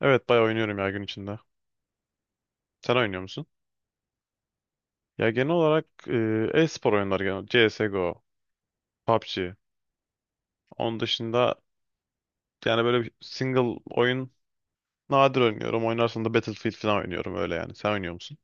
Evet bayağı oynuyorum ya gün içinde. Sen oynuyor musun? Ya genel olarak e-spor oyunları genel. CSGO, PUBG. Onun dışında yani böyle bir single oyun nadir oynuyorum. Oynarsam da Battlefield falan oynuyorum öyle yani. Sen oynuyor musun?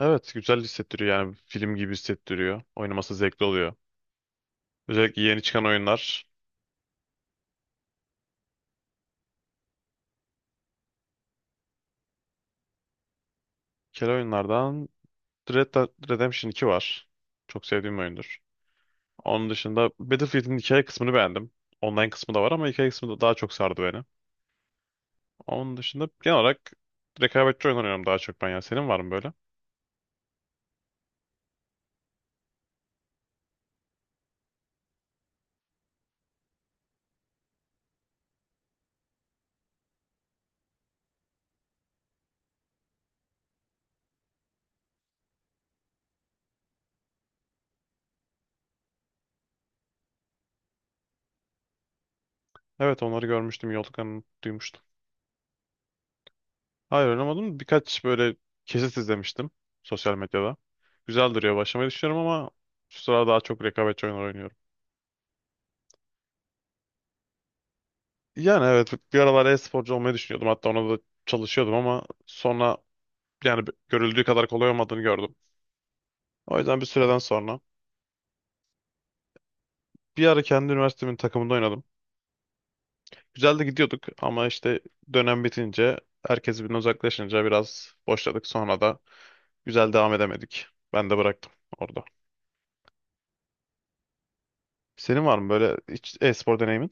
Evet güzel hissettiriyor yani film gibi hissettiriyor. Oynaması zevkli oluyor. Özellikle yeni çıkan oyunlar. Bir kere oyunlardan Red Dead Redemption 2 var. Çok sevdiğim oyundur. Onun dışında Battlefield'in hikaye kısmını beğendim. Online kısmı da var ama hikaye kısmı da daha çok sardı beni. Onun dışında genel olarak rekabetçi oyun oynuyorum daha çok ben ya. Senin var mı böyle? Evet onları görmüştüm. Yolduklarını duymuştum. Hayır oynamadım. Birkaç böyle kesit izlemiştim sosyal medyada. Güzel duruyor. Başlamayı düşünüyorum ama şu sıra daha çok rekabetçi oyunlar oynuyorum. Yani evet bir aralar e-sporcu olmayı düşünüyordum. Hatta ona da çalışıyordum ama sonra yani görüldüğü kadar kolay olmadığını gördüm. O yüzden bir süreden sonra bir ara kendi üniversitemin takımında oynadım. Güzel de gidiyorduk ama işte dönem bitince herkes birbirinden uzaklaşınca biraz boşladık. Sonra da güzel devam edemedik. Ben de bıraktım orada. Senin var mı böyle hiç e-spor deneyimin?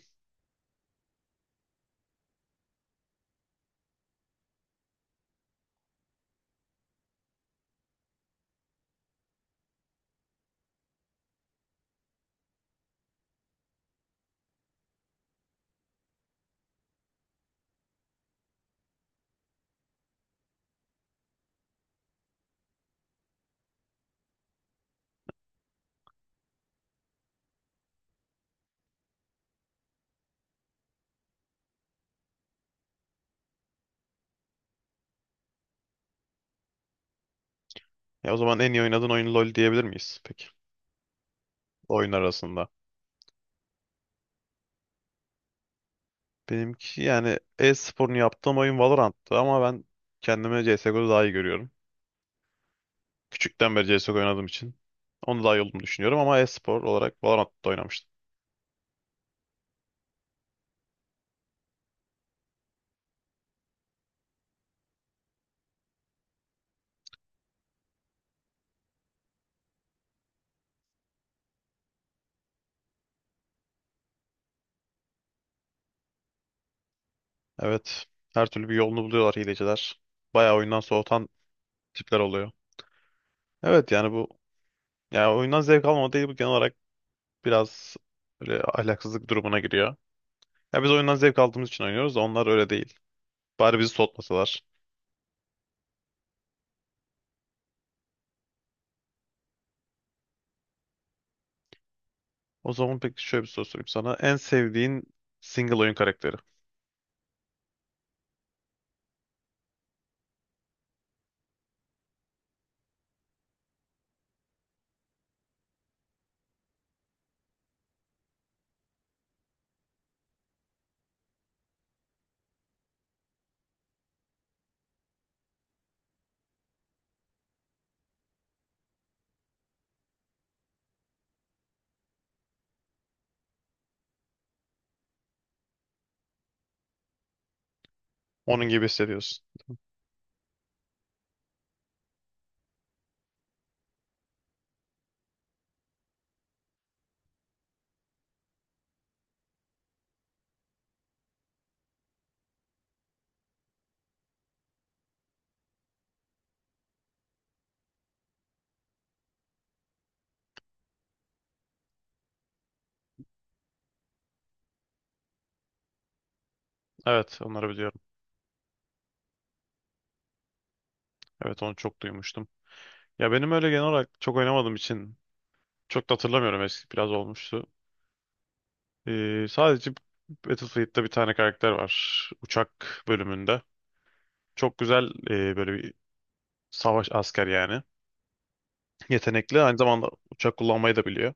Ya o zaman en iyi oynadığın oyun LoL diyebilir miyiz peki oyun arasında? Benimki yani e-sporunu yaptığım oyun Valorant'tı ama ben kendimi CSGO'da daha iyi görüyorum. Küçükten beri CSGO oynadığım için onu daha iyi olduğumu düşünüyorum ama e-spor olarak Valorant'ta oynamıştım. Evet. Her türlü bir yolunu buluyorlar hileciler. Bayağı oyundan soğutan tipler oluyor. Evet yani bu ya oyundan zevk almama değil, bu genel olarak biraz böyle ahlaksızlık durumuna giriyor. Ya biz oyundan zevk aldığımız için oynuyoruz da onlar öyle değil. Bari bizi soğutmasalar. O zaman peki şöyle bir soru sorayım sana. En sevdiğin single oyun karakteri. Onun gibi hissediyorsun. Evet onları biliyorum. Evet onu çok duymuştum. Ya benim öyle genel olarak çok oynamadığım için çok da hatırlamıyorum, eski biraz olmuştu. Sadece Battlefield'da bir tane karakter var. Uçak bölümünde. Çok güzel böyle bir savaş asker yani. Yetenekli. Aynı zamanda uçak kullanmayı da biliyor.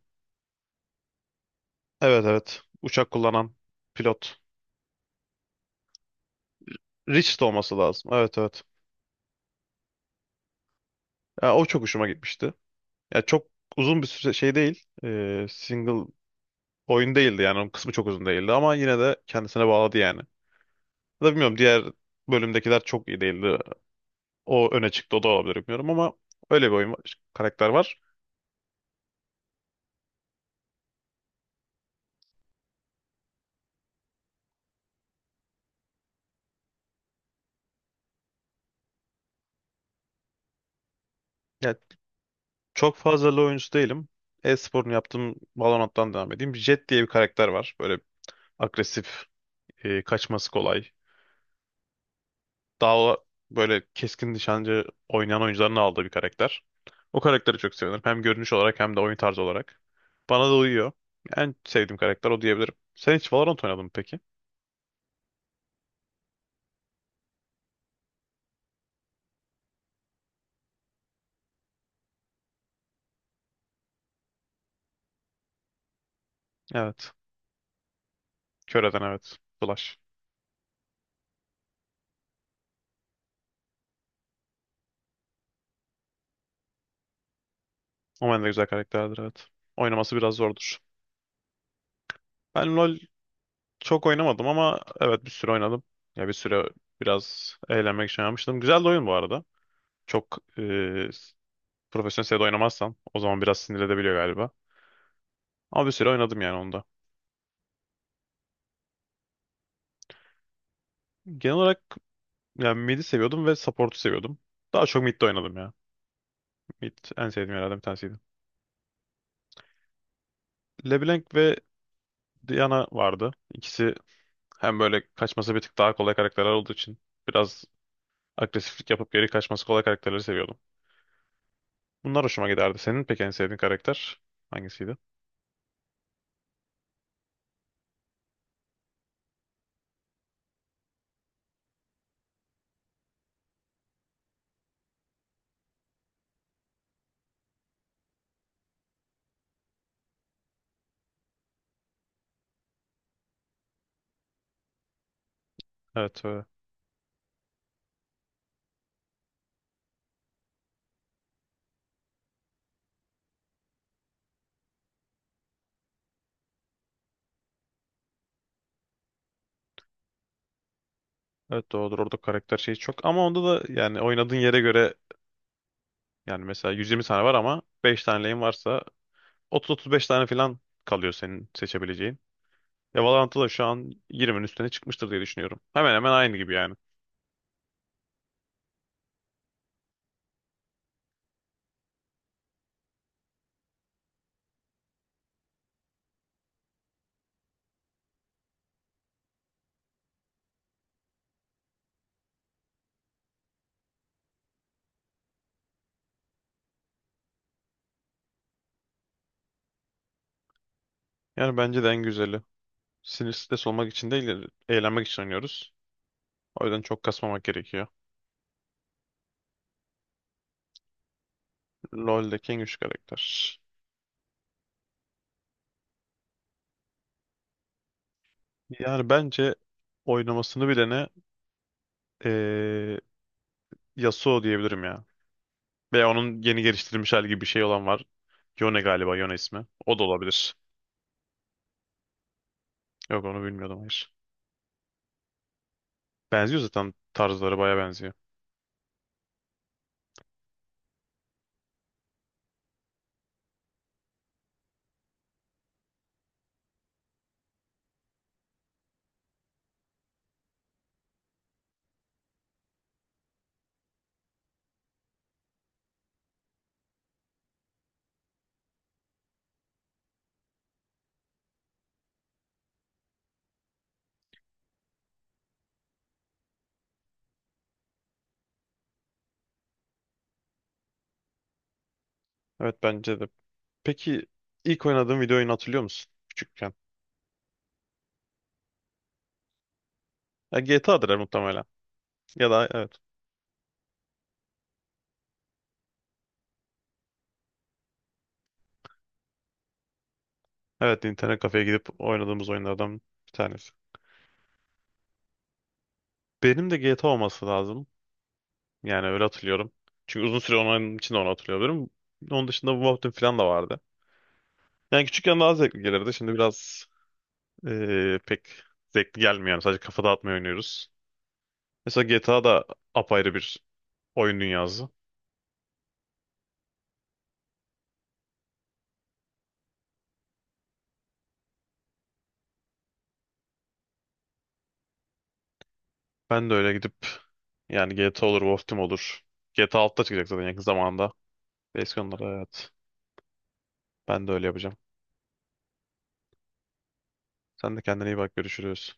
Evet evet. Uçak kullanan pilot. Rich de olması lazım. Evet evet. Ya, o çok hoşuma gitmişti. Ya çok uzun bir süre şey değil. Single oyun değildi yani. Onun kısmı çok uzun değildi ama yine de kendisine bağladı yani. Ya da bilmiyorum, diğer bölümdekiler çok iyi değildi. O öne çıktı, o da olabilir bilmiyorum ama öyle bir oyun var, karakter var. Ya, çok fazla LoL oyuncusu değilim. E-sporunu yaptığım Valorant'tan devam edeyim. Jett diye bir karakter var. Böyle agresif, kaçması kolay. Daha o- Böyle keskin nişancı oynayan oyuncuların aldığı bir karakter. O karakteri çok seviyorum. Hem görünüş olarak hem de oyun tarzı olarak. Bana da uyuyor. En sevdiğim karakter o diyebilirim. Sen hiç Valorant oynadın mı peki? Evet. Kör eden, evet. Flash. O de güzel karakterdir, evet. Oynaması biraz zordur. Ben LoL çok oynamadım ama evet bir süre oynadım. Ya bir süre biraz eğlenmek için yapmıştım. Güzel de oyun bu arada. Çok profesyonel seviyede oynamazsan o zaman biraz sinir edebiliyor galiba. Ama bir süre oynadım yani onda. Genel olarak yani mid'i seviyordum ve support'u seviyordum. Daha çok mid'de oynadım ya. Mid en sevdiğim yerlerden bir tanesiydi. LeBlanc ve Diana vardı. İkisi hem böyle kaçması bir tık daha kolay karakterler olduğu için biraz agresiflik yapıp geri kaçması kolay karakterleri seviyordum. Bunlar hoşuma giderdi. Senin peki en sevdiğin karakter hangisiydi? Evet, evet doğrudur. Orada karakter şeyi çok. Ama onda da yani oynadığın yere göre, yani mesela 120 tane var ama 5 tane lane varsa 30-35 tane falan kalıyor senin seçebileceğin. Ya Valorant'ta da şu an 20'nin üstüne çıkmıştır diye düşünüyorum. Hemen hemen aynı gibi yani. Yani bence de en güzeli. Sinir stres olmak için değil, eğlenmek için oynuyoruz. O yüzden çok kasmamak gerekiyor. LoL'deki en güçlü karakter. Yani bence oynamasını bilene eee Yasuo diyebilirim ya. Veya onun yeni geliştirilmiş hali gibi bir şey olan var. Yone galiba, Yone ismi. O da olabilir. Yok, onu bilmiyordum, hayır. Benziyor zaten, tarzları baya benziyor. Evet, bence de. Peki ilk oynadığın video oyunu hatırlıyor musun? Küçükken. Ya GTA'dır muhtemelen. Ya da evet. Evet, internet kafeye gidip oynadığımız oyunlardan bir tanesi. Benim de GTA olması lazım. Yani öyle hatırlıyorum. Çünkü uzun süre onun için de onu hatırlıyorum. Onun dışında Wolfenstein falan da vardı. Yani küçükken daha zevkli gelirdi. Şimdi biraz pek zevkli gelmiyor. Yani sadece kafa dağıtmayı oynuyoruz. Mesela GTA da apayrı bir oyun dünyası. Ben de öyle gidip yani GTA olur, Wolfenstein olur. GTA 6 da çıkacak zaten yakın zamanda. Eski onlara evet. Ben de öyle yapacağım. Sen de kendine iyi bak. Görüşürüz.